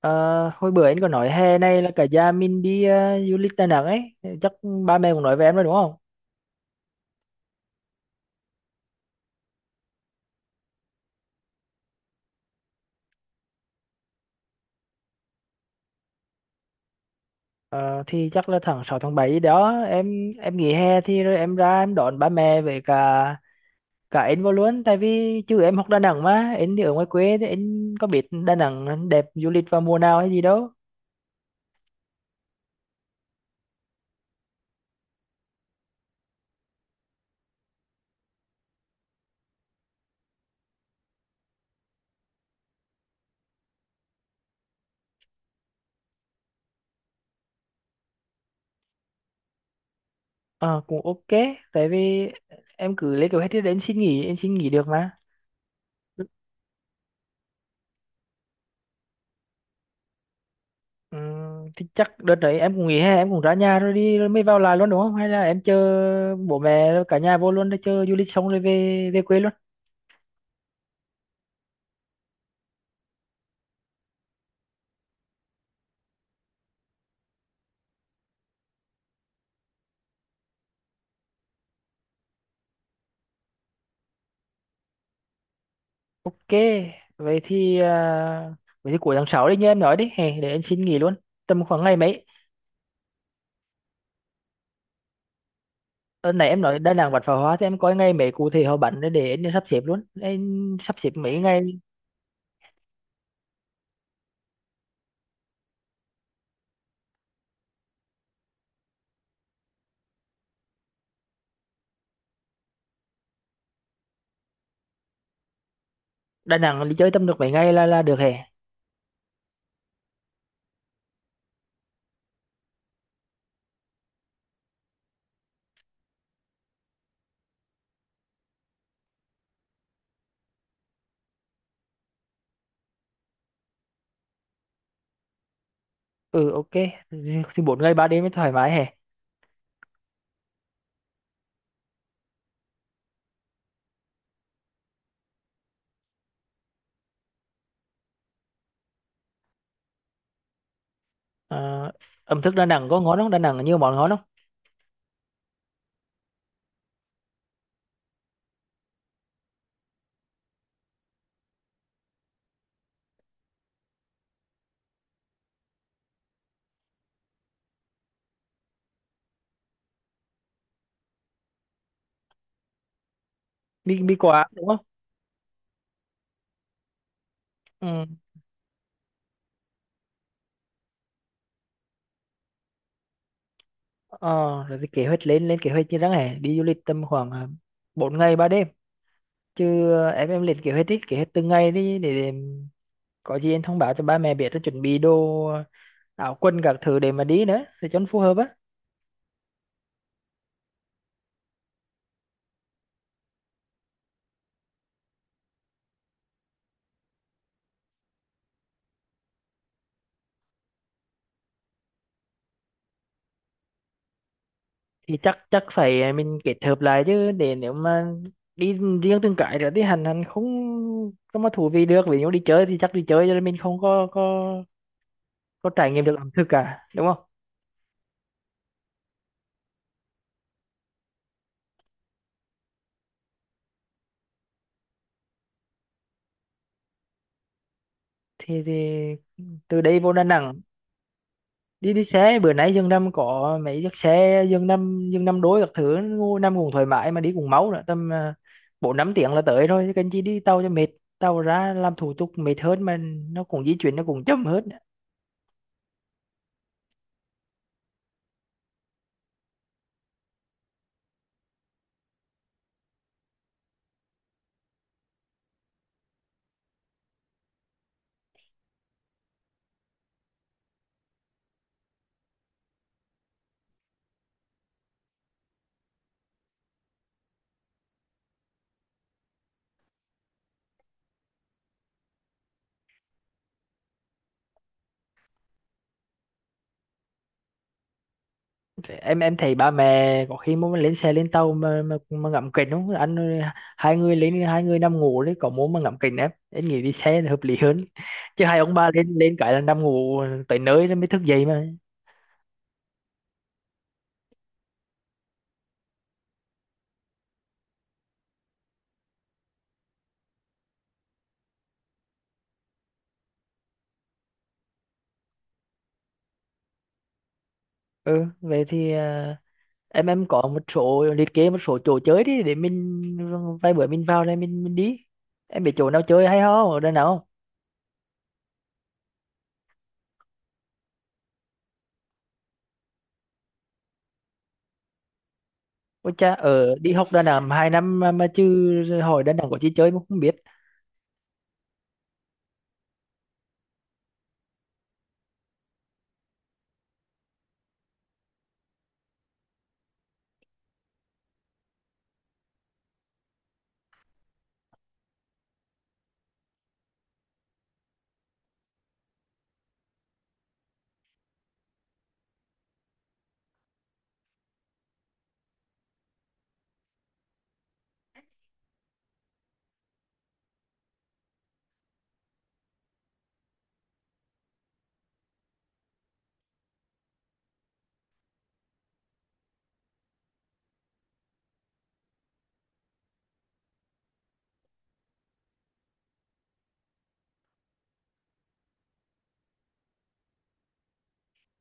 Ờ, Hồi bữa anh có nói hè này là cả gia mình đi du lịch Đà Nẵng ấy. Chắc ba mẹ cũng nói với em rồi đúng không? Ờ, thì chắc là tháng 6 tháng 7 đó em nghỉ hè thì rồi em ra em đón ba mẹ với cả cả anh vô luôn, tại vì chứ em học Đà Nẵng mà anh thì ở ngoài quê thì anh có biết Đà Nẵng đẹp du lịch vào mùa nào hay gì đâu. Ờ, Cũng ok, tại vì em cứ lấy kế hoạch thì đến xin nghỉ, em xin nghỉ được mà. Ừ, thì chắc đợt đấy em cũng nghỉ hè, em cũng ra nhà rồi đi rồi mới vào lại luôn đúng không, hay là em chờ bố mẹ cả nhà vô luôn để chờ du lịch xong rồi về về quê luôn. Ok, vậy thì à, vậy thì cuối tháng 6 đi như em nói đi hè, để em xin nghỉ luôn. Tầm khoảng ngày mấy? Ờ, Nãy em nói Đà Nẵng bắn pháo hoa thì em coi ngày mấy cụ thể họ bắn để em sắp xếp luôn, em sắp xếp mấy ngày. Đà Nẵng đi chơi tầm được mấy ngày là được hè? Ừ, ok, thì 4 ngày 3 đêm mới thoải mái hè. Ờ, Ẩm thực Đà Nẵng có ngon không, Đà Nẵng có nhiều món ngon không? Bi bi quả đúng không? Ừ. Ờ, Rồi thì kế hoạch, lên lên kế hoạch như đáng hè, đi du lịch tầm khoảng 4 ngày 3 đêm. Chứ em lên kế hoạch đi, kế hoạch từng ngày đi để có gì em thông báo cho ba mẹ biết rồi chuẩn bị đồ, áo quần các thứ để mà đi nữa để cho nó phù hợp á. Thì chắc chắc phải mình kết hợp lại chứ, để nếu mà đi riêng từng cái rồi thì hành hành không có mà thú vị được. Ví dụ đi chơi thì chắc đi chơi cho nên mình không có có trải nghiệm được ẩm thực cả đúng không. Thì từ đây vô Đà Nẵng, đi đi xe bữa nãy dân năm có mấy chiếc xe dân năm đối các thứ năm cũng thoải mái mà đi cũng máu nữa, tầm bốn năm tiếng là tới thôi chứ cần chi đi tàu cho mệt. Tàu ra làm thủ tục mệt hơn mà, nó cũng di chuyển nó cũng chậm hết. Thế em thấy ba mẹ có khi muốn lên xe lên tàu mà mà ngậm kính không anh? 2 người lên, hai người nằm ngủ đấy có muốn mà ngậm kính, em nghĩ đi xe là hợp lý hơn, chứ 2 ông ba lên lên cái là nằm ngủ tới nơi nó mới thức dậy mà. Ừ, vậy thì em có một số, liệt kê một số chỗ chơi đi để mình vài bữa mình vào đây mình đi. Em biết chỗ nào chơi hay không ở Đà Nẵng không? Ôi cha, ở đi học Đà Nẵng 2 năm mà chứ hỏi Đà Nẵng có chi chơi mà không biết.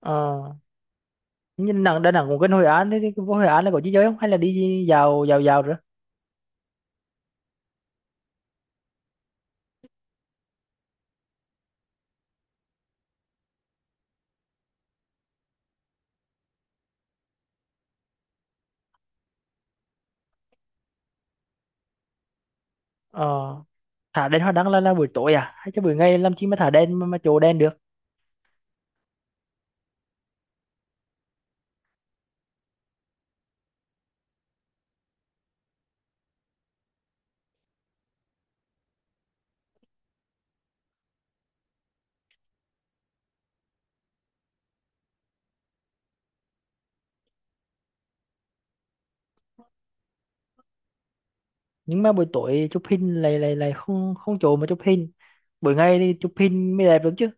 Ờ, nhưng Đà Nẵng cũng gần Hội An, thế thì vô Hội An là có chi chơi không hay là đi dạo dạo dạo nữa? Ờ, thả đèn hoa đăng là buổi tối à hay cho buổi ngày làm chi mà thả đèn mà, chỗ đèn được? Nhưng mà buổi tối chụp hình lại lại lại không không chỗ mà chụp hình, buổi ngày thì chụp hình mới đẹp đúng chứ?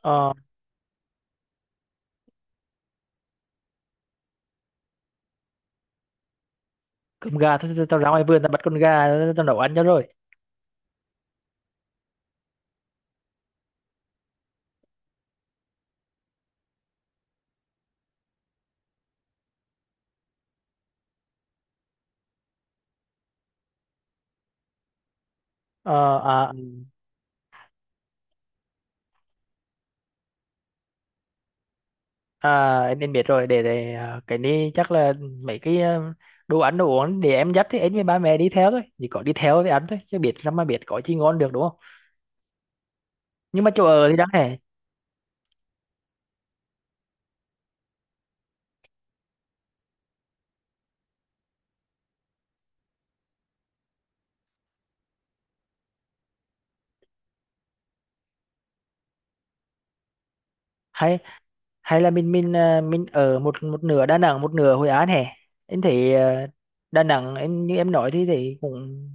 Ờ, Cơm gà thôi, tao ra ngoài vườn tao bắt con gà tao nấu ăn cho rồi. Ừ. À em biết rồi, để cái này chắc là mấy cái, đồ ăn đồ uống để em dắt thì em với ba mẹ đi theo thôi, chỉ có đi theo thì ăn thôi chứ biết làm mà biết có chi ngon được đúng không. Nhưng mà chỗ ở thì đáng hè, hay hay là mình mình ở một một nửa Đà Nẵng một nửa Hội An hè? Em thấy Đà Nẵng em như em nói thì cũng…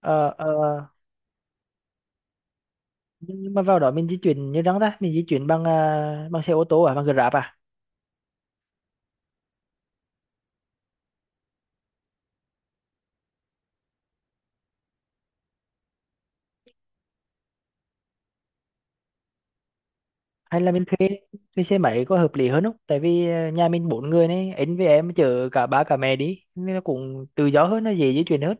ờ, ờ, nhưng mà vào đó mình di chuyển như đáng ta, mình di chuyển bằng bằng xe ô tô à, bằng Grab à, hay là mình thuê thuê xe máy có hợp lý hơn không? Tại vì nhà mình 4 người này, anh với em chở cả ba cả mẹ đi nên nó cũng tự do hơn, nó dễ di chuyển hơn.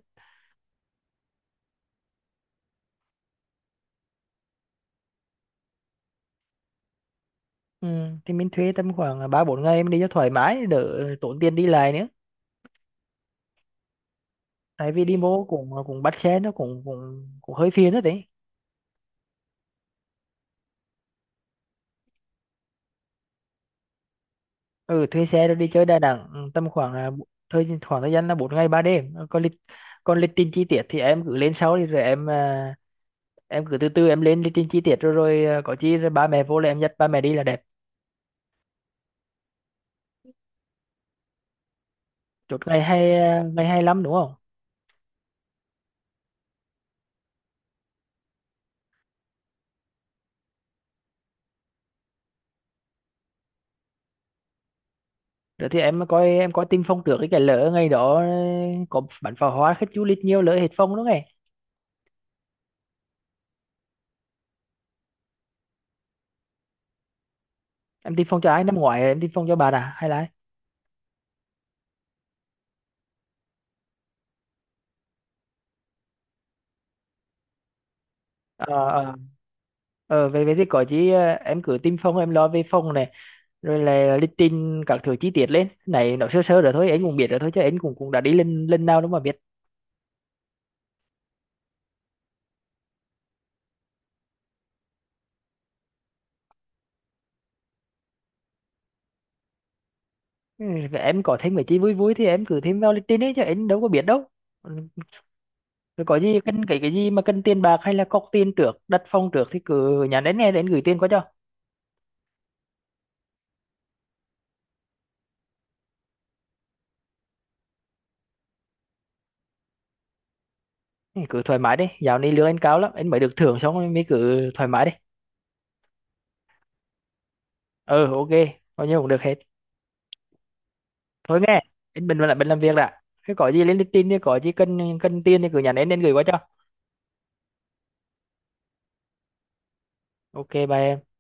Ừ, thì mình thuê tầm khoảng ba bốn ngày mình đi cho thoải mái, đỡ tốn tiền đi lại nữa. Tại vì đi bộ cũng cũng bắt xe nó cũng cũng cũng hơi phiền đó đấy. Ừ, thuê xe rồi đi chơi Đà Nẵng, ừ, tầm khoảng là thời khoảng, thời gian là 4 ngày 3 đêm. Ừ, còn còn lịch trình chi tiết thì em cứ lên sau đi rồi em em cứ từ từ em lên lịch trình chi tiết rồi rồi có chi rồi ba mẹ vô là em dắt ba mẹ đi là đẹp. Chốt ngày hay, ngày hay lắm đúng không? Rồi thì em coi, em coi tin phong trước cái lỡ ngày đó có bắn pháo hoa khách du lịch nhiều lỡ hết phong đúng không em? Em tin phong cho ai năm ngoái, em tin phong cho bạn à hay là ai? ờ ờ ờ, về về thì có chứ, ờ, em cứ tin phong, em lo về phong này. Rồi là lịch trình các thứ chi tiết lên này nó sơ sơ rồi thôi, anh cũng biết rồi thôi, chứ anh cũng cũng đã đi lên lên nào đâu mà biết. Ừ, em có thêm mấy chi vui vui thì em cứ thêm vào lịch trình ấy chứ anh đâu có biết đâu. Ừ, rồi có gì cần cái gì mà cần tiền bạc hay là cọc tiền trước, đặt phòng trước thì cứ nhắn đến nghe, gửi tiền qua cho. Ừ, cứ thoải mái đi, dạo này lương anh cao lắm, anh mới được thưởng xong rồi, mới cứ thoải mái đi. Ừ, ok, bao nhiêu cũng được hết. Thôi nghe, anh mình lại mình làm việc đã. Cái có gì lên lịch trình thì có gì cần cần tiền thì cứ nhắn đến, gửi qua cho. Ok, bye em.